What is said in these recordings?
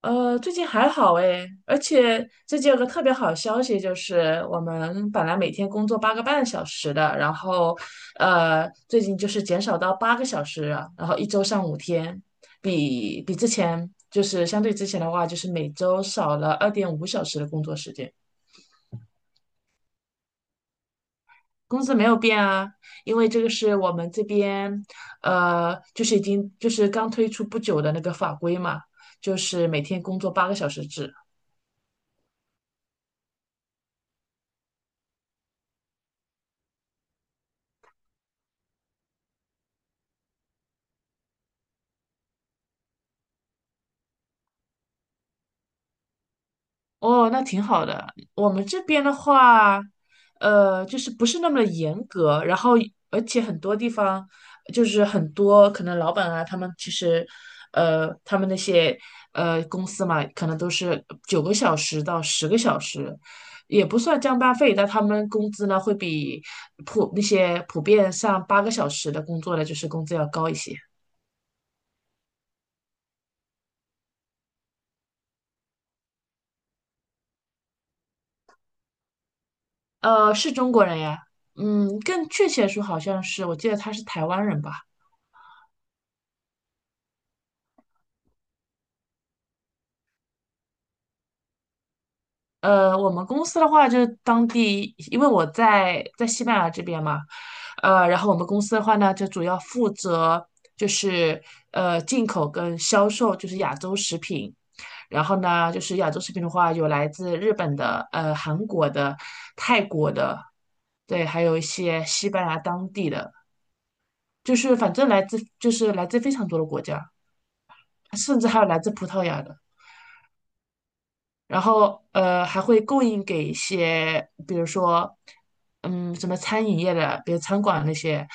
最近还好诶，而且最近有个特别好消息，就是我们本来每天工作八个半小时的，最近就是减少到八个小时了然后一周上五天，之前就是相对之前的话，就是每周少了2.5小时的工作时间，工资没有变啊，因为这个是我们这边，就是已经就是刚推出不久的那个法规嘛，就是每天工作八个小时制。哦，那挺好的。我们这边的话，就是不是那么的严格，然后而且很多地方就是很多可能老板啊，他们其实，他们那些公司嘛，可能都是九个小时到十个小时，也不算加班费，但他们工资呢会比那些普遍上八个小时的工作的就是工资要高一些。呃，是中国人呀，嗯，更确切说好像是，我记得他是台湾人吧。呃，我们公司的话就是当地，因为我在西班牙这边嘛，呃，然后我们公司的话呢，就主要负责就是进口跟销售，就是亚洲食品。然后呢，就是亚洲食品的话，有来自日本的、韩国的、泰国的，对，还有一些西班牙当地的，反正就是来自非常多的国家，甚至还有来自葡萄牙的。然后还会供应给一些，比如说，嗯，什么餐饮业的，比如餐馆那些，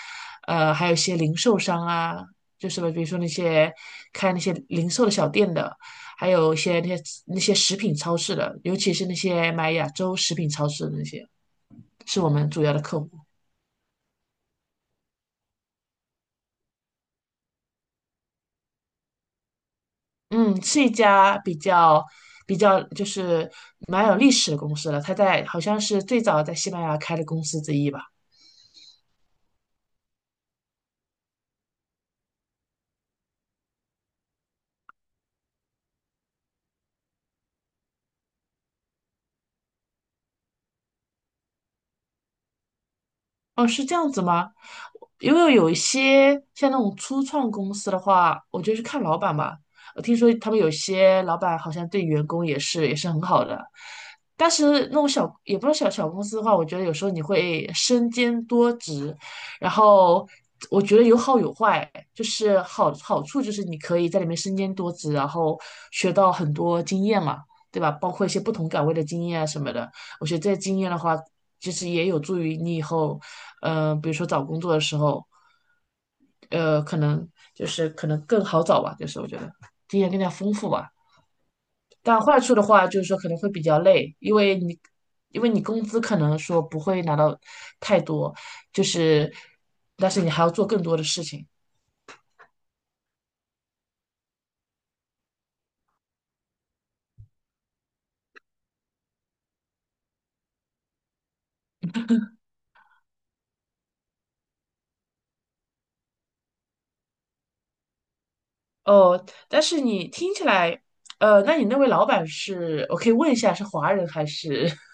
还有一些零售商啊，就是比如说那些开那些零售的小店的，还有一些那些食品超市的，尤其是那些买亚洲食品超市的那些，是我们主要的客户。嗯，是一家比较比较就是蛮有历史的公司了，它在好像是最早在西班牙开的公司之一吧。哦，是这样子吗？因为有一些像那种初创公司的话，我觉得是看老板吧。我听说他们有些老板好像对员工也是很好的，但是那种小也不是小小公司的话，我觉得有时候你会身兼多职，然后我觉得有好有坏，就是好处就是你可以在里面身兼多职，然后学到很多经验嘛，对吧？包括一些不同岗位的经验啊什么的。我觉得这些经验的话，其实也有助于你以后，比如说找工作的时候，呃，可能可能更好找吧，就是我觉得经验更加丰富吧。但坏处的话，就是说可能会比较累，因为你工资可能说不会拿到太多，就是但是你还要做更多的事情。哦，但是你听起来，呃，那你那位老板是，我可以问一下是华人还是？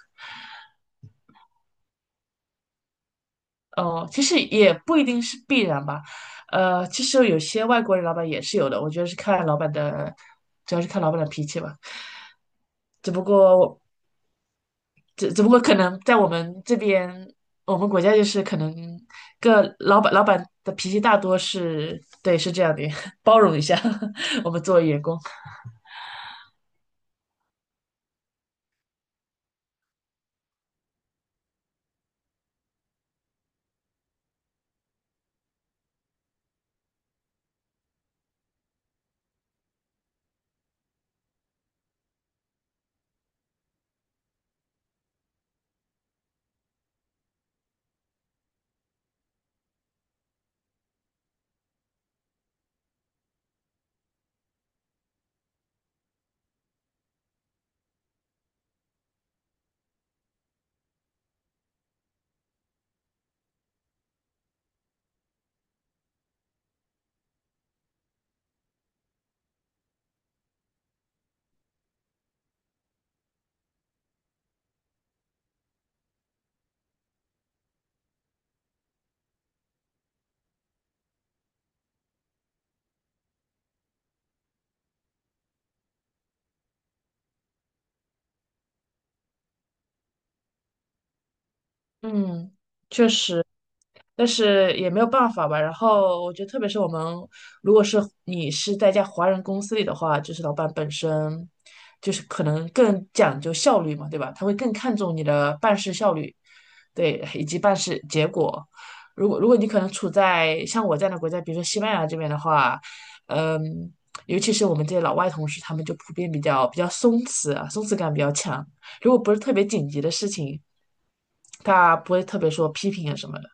哦，其实也不一定是必然吧，呃，其实有些外国人老板也是有的，我觉得是看老板的，主要是看老板的脾气吧。只不过我，只不过可能在我们这边，我们国家就是可能老板的脾气大多是，对，是这样的，包容一下 我们作为员工。嗯，确实。但是也没有办法吧。然后我觉得，特别是我们如果是你是在一家华人公司里的话，就是老板本身就是可能更讲究效率嘛，对吧？他会更看重你的办事效率，对，以及办事结果。如果你可能处在像我这样的国家，比如说西班牙这边的话，嗯，尤其是我们这些老外同事，他们就普遍比较松弛啊，松弛感比较强。如果不是特别紧急的事情，他不会特别说批评啊什么，的。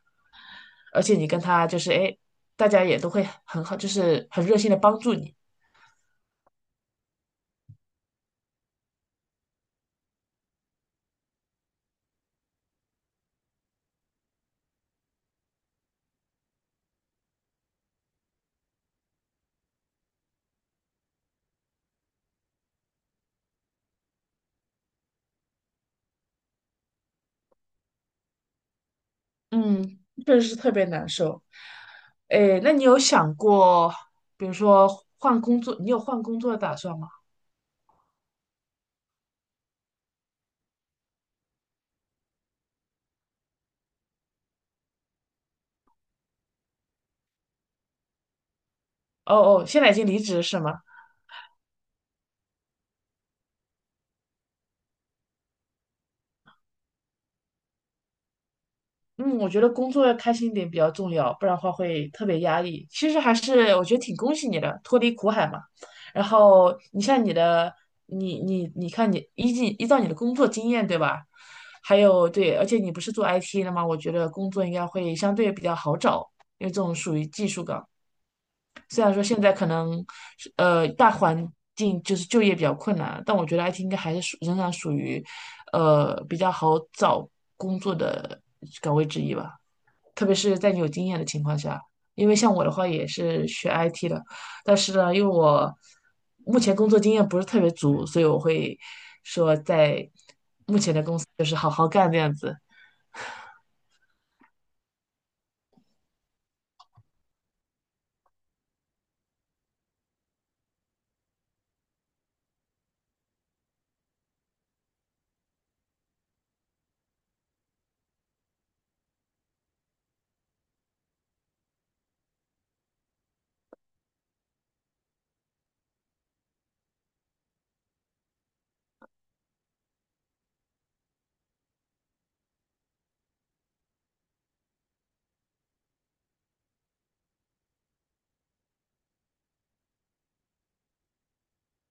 而且你跟他就是哎，大家也都会很好，就是很热心的帮助你。嗯，确实是特别难受。哎，那你有想过，比如说换工作，你有换工作的打算吗？哦哦，现在已经离职是吗？嗯，我觉得工作要开心一点比较重要，不然的话会特别压抑。其实还是我觉得挺恭喜你的，脱离苦海嘛。然后你像你的，你看你依照你的工作经验对吧？还有对，而且你不是做 IT 的吗？我觉得工作应该会相对比较好找，因为这种属于技术岗。虽然说现在可能是大环境就是就业比较困难，但我觉得 IT 应该还是仍然属于比较好找工作的岗位之一吧。特别是在你有经验的情况下，因为像我的话也是学 IT 的，但是呢，因为我目前工作经验不是特别足，所以我会说在就是好好干这样子。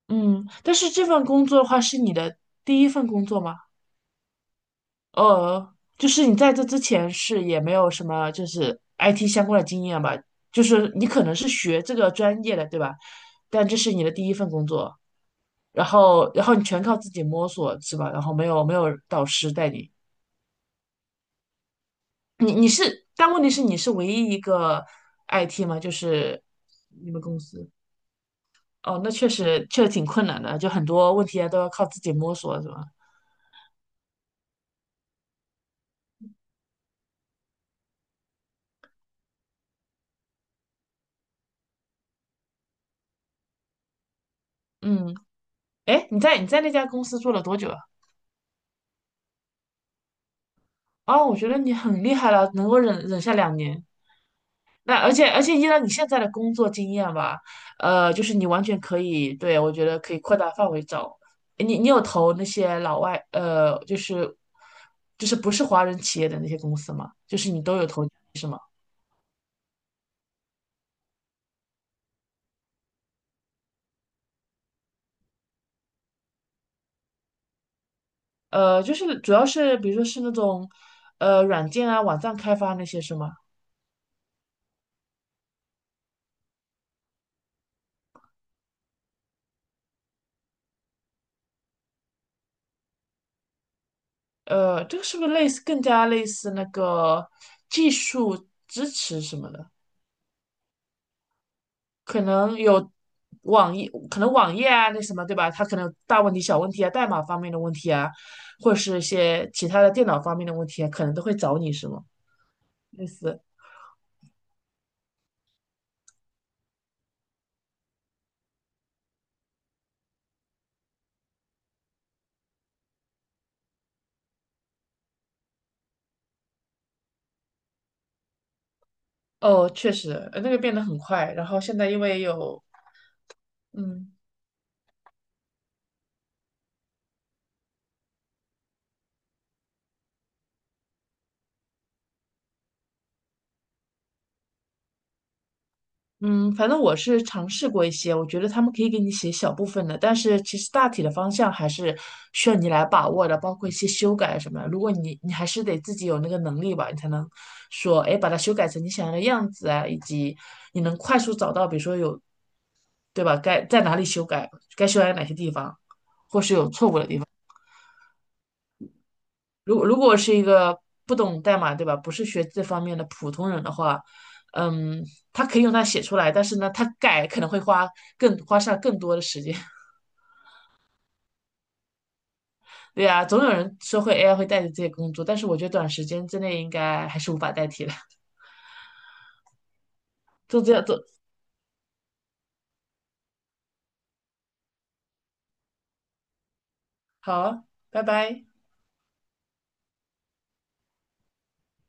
嗯，但是这份工作的话是你的第一份工作吗？呃，就是你在这之前是也没有什么就是 IT 相关的经验吧？就是你可能是学这个专业的，对吧？但这是你的第一份工作，然后你全靠自己摸索，是吧？然后没有导师带你，你你是，但问题是你是唯一一个 IT 吗？就是你们公司哦，那确实挺困难的，就很多问题啊都要靠自己摸索，是吧？嗯，哎，你在那家公司做了多久啊？哦，我觉得你很厉害了，能够忍下2年。那而且依照你现在的工作经验吧，就是你完全可以，对，我觉得可以扩大范围找。你你有投那些老外，呃，就是不是华人企业的那些公司吗？就是你都有投，是吗？呃，就是主要是比如说是那种软件啊、网站开发那些是吗？呃，这个是不是类似更加类似那个技术支持什么的？可能有网页，可能网页啊，那什么，对吧？它可能有大问题、小问题啊，代码方面的问题啊，或者是一些其他的电脑方面的问题啊，可能都会找你，是吗？哦，确实，呃那个变得很快。然后现在因为有，嗯，嗯，反正我是尝试过一些，我觉得他们可以给你写小部分的，但是其实大体的方向还是需要你来把握的，包括一些修改什么的如果你还是得自己有那个能力吧，你才能说，哎，把它修改成你想要的样子啊，以及你能快速找到，比如说有，对吧？该在哪里修改，该修改哪些地方。如果是一个不懂代码，对吧？不是学这方面的普通人的话，嗯，他可以用它写出来，但是呢，他改可能会花花上更多的时间。对呀，总有人说会 AI 会代替这些工作，但是我觉得短时间之内应该还是无法代替的。就这样做，好，拜拜。